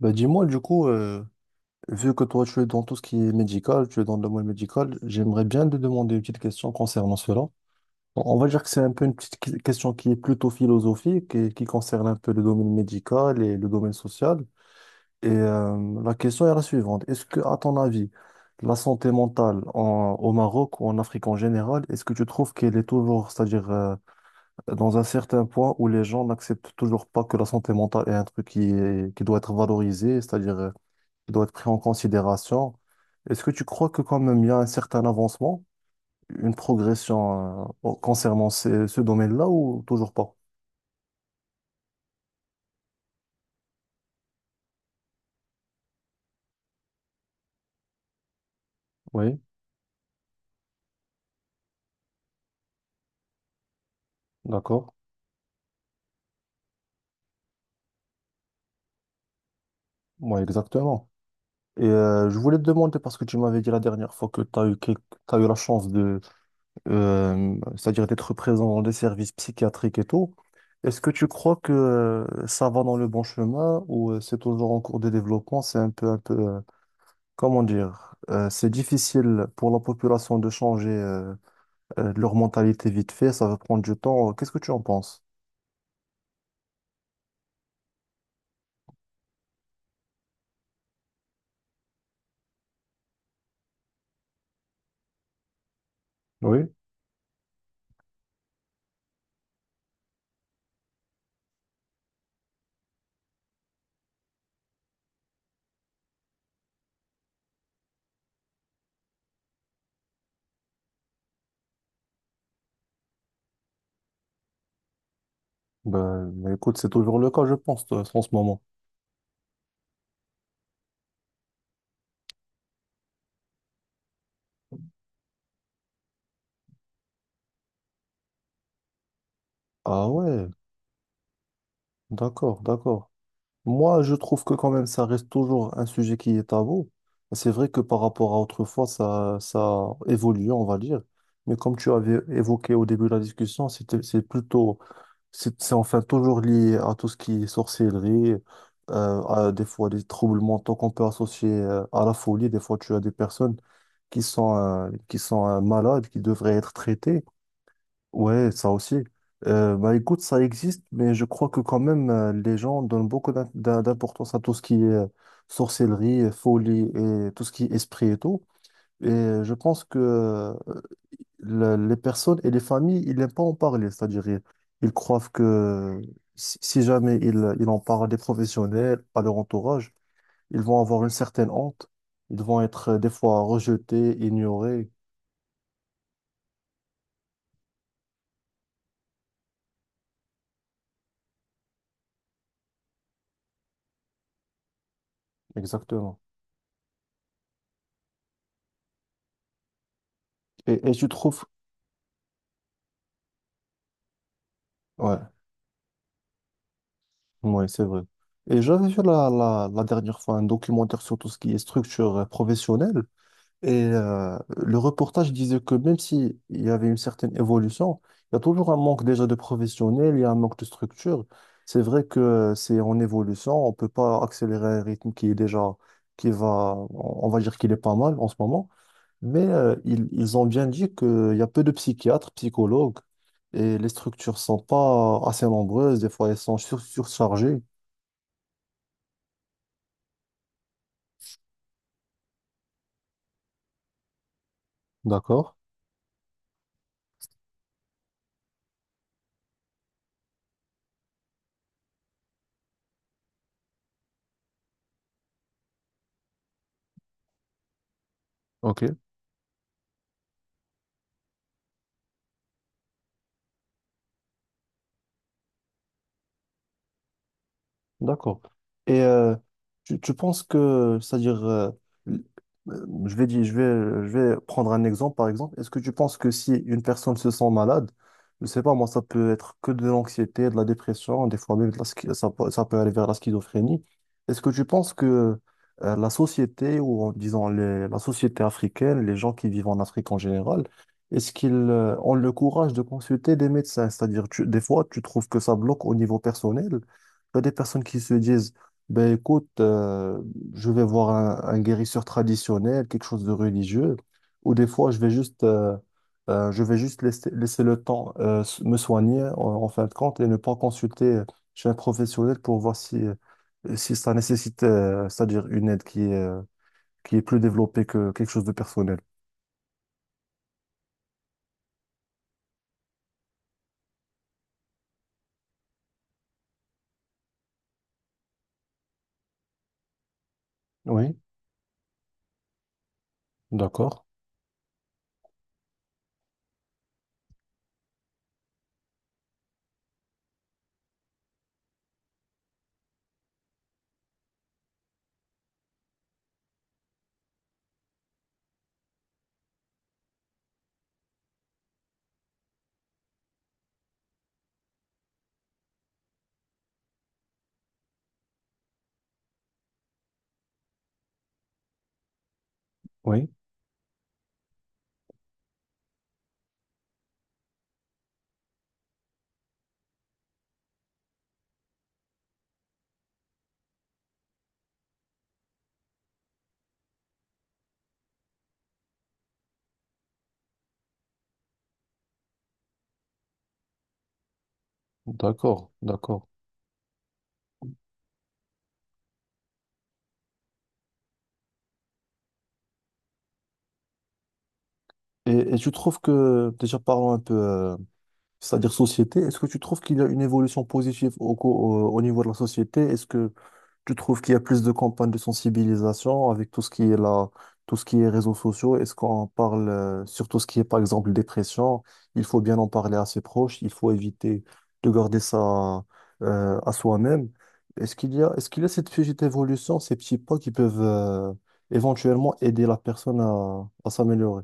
Bah dis-moi, du coup, vu que toi tu es dans tout ce qui est médical, tu es dans le domaine médical, j'aimerais bien te demander une petite question concernant cela. Bon, on va dire que c'est un peu une petite question qui est plutôt philosophique et qui concerne un peu le domaine médical et le domaine social. Et la question est la suivante. Est-ce que, à ton avis, la santé mentale au Maroc ou en Afrique en général, est-ce que tu trouves qu'elle est toujours, c'est-à-dire dans un certain point où les gens n'acceptent toujours pas que la santé mentale est un truc qui doit être valorisé, c'est-à-dire qui doit être pris en considération. Est-ce que tu crois que quand même il y a un certain avancement, une progression concernant ce domaine-là ou toujours pas? Oui, d'accord. Moi, exactement. Et je voulais te demander, parce que tu m'avais dit la dernière fois que tu as eu, t'as eu la chance de, c'est-à-dire d'être présent dans des services psychiatriques et tout, est-ce que tu crois que ça va dans le bon chemin ou c'est toujours en cours de développement, c'est un peu, comment dire, c'est difficile pour la population de changer leur mentalité vite fait, ça va prendre du temps. Qu'est-ce que tu en penses? Oui, ben, écoute, c'est toujours le cas, je pense, en ce moment. Ah ouais, d'accord, d'accord. Moi, je trouve que quand même, ça reste toujours un sujet qui est tabou. C'est vrai que par rapport à autrefois, ça évolue, on va dire. Mais comme tu avais évoqué au début de la discussion, c'est plutôt c'est enfin toujours lié à tout ce qui est sorcellerie, à des fois des troubles mentaux qu'on peut associer à la folie. Des fois, tu as des personnes qui sont malades, qui devraient être traitées. Ouais, ça aussi. Bah écoute, ça existe, mais je crois que quand même, les gens donnent beaucoup d'importance à tout ce qui est sorcellerie, folie et tout ce qui est esprit et tout. Et je pense que les personnes et les familles, ils n'aiment pas en parler. C'est-à-dire, ils croient que si jamais ils en parlent à des professionnels, à leur entourage, ils vont avoir une certaine honte. Ils vont être des fois rejetés, ignorés. Exactement. Et tu trouves... Ouais, ouais, c'est vrai. Et j'avais vu la dernière fois un documentaire sur tout ce qui est structure professionnelle. Et le reportage disait que même s'il y avait une certaine évolution, il y a toujours un manque déjà de professionnels, il y a un manque de structure. C'est vrai que c'est en évolution, on ne peut pas accélérer un rythme qui est déjà, qui va, on va dire qu'il est pas mal en ce moment, mais ils ont bien dit qu'il y a peu de psychiatres, psychologues, et les structures sont pas assez nombreuses, des fois elles sont surchargées. D'accord, ok. D'accord. Et tu penses que, c'est-à-dire, l- je vais dire, je vais prendre un exemple, par exemple. Est-ce que tu penses que si une personne se sent malade, je sais pas, moi, ça peut être que de l'anxiété, de la dépression, des fois même de la ça, ça peut aller vers la schizophrénie. Est-ce que tu penses que la société, ou en disant la société africaine, les gens qui vivent en Afrique en général, est-ce qu'ils ont le courage de consulter des médecins? C'est-à-dire, des fois, tu trouves que ça bloque au niveau personnel. Il y a des personnes qui se disent, ben écoute, je vais voir un guérisseur traditionnel, quelque chose de religieux, ou des fois, je vais juste laisser, laisser le temps me soigner en, en fin de compte et ne pas consulter chez un professionnel pour voir si, si ça nécessite, c'est-à-dire une aide qui est plus développée que quelque chose de personnel. Oui, d'accord, oui, d'accord, d'accord. Et tu trouves que, déjà parlons un peu c'est-à-dire société, est-ce que tu trouves qu'il y a une évolution positive au niveau de la société? Est-ce que tu trouves qu'il y a plus de campagnes de sensibilisation avec tout ce qui est là, tout ce qui est réseaux sociaux? Est-ce qu'on parle sur tout ce qui est, par exemple, dépression? Il faut bien en parler à ses proches, il faut éviter de garder ça à soi-même. Est-ce qu'il y a, est-ce qu'il y a cette petite évolution, ces petits pas qui peuvent éventuellement aider la personne à s'améliorer?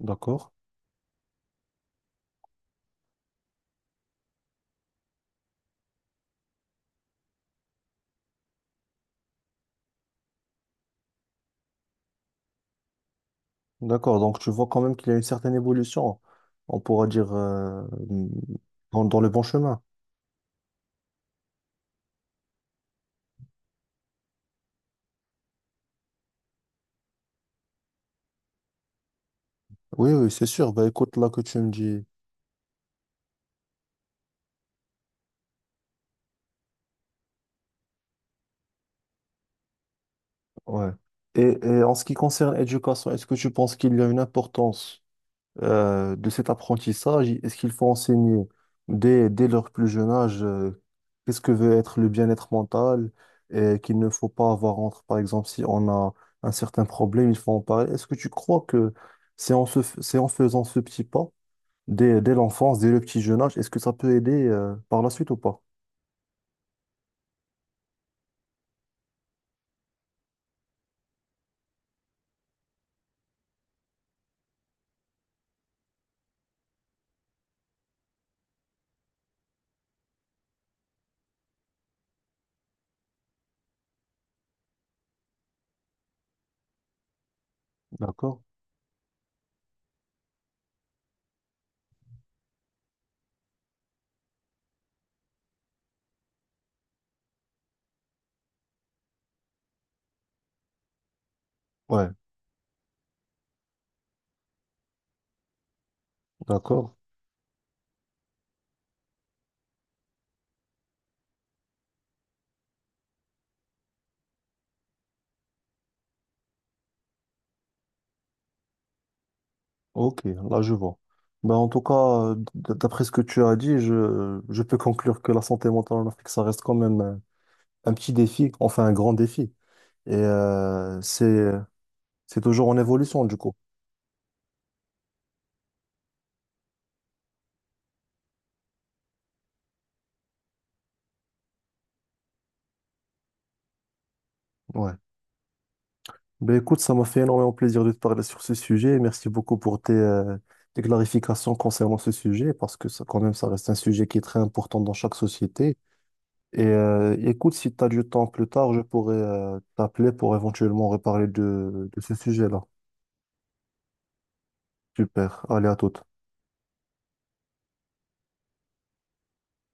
D'accord? D'accord, donc tu vois quand même qu'il y a une certaine évolution, on pourra dire dans, dans le bon chemin. Oui, oui, c'est sûr. Bah écoute, là que tu me dis, ouais. Et en ce qui concerne l'éducation, est-ce que tu penses qu'il y a une importance de cet apprentissage? Est-ce qu'il faut enseigner dès, dès leur plus jeune âge qu'est-ce que veut être le bien-être mental et qu'il ne faut pas avoir entre, par exemple, si on a un certain problème, il faut en parler. Est-ce que tu crois que c'est en c'est en faisant ce petit pas dès, dès l'enfance, dès le petit jeune âge, est-ce que ça peut aider par la suite ou pas? D'accord? Ouais, d'accord. Ok, là je vois. Ben, en tout cas, d'après ce que tu as dit, je peux conclure que la santé mentale en Afrique, ça reste quand même un petit défi, enfin un grand défi. Et c'est toujours en évolution du coup. Ouais. Ben écoute, ça m'a fait énormément plaisir de te parler sur ce sujet. Merci beaucoup pour tes, tes clarifications concernant ce sujet, parce que ça, quand même, ça reste un sujet qui est très important dans chaque société. Et écoute, si tu as du temps plus tard, je pourrais t'appeler pour éventuellement reparler de ce sujet-là. Super. Allez, à toute.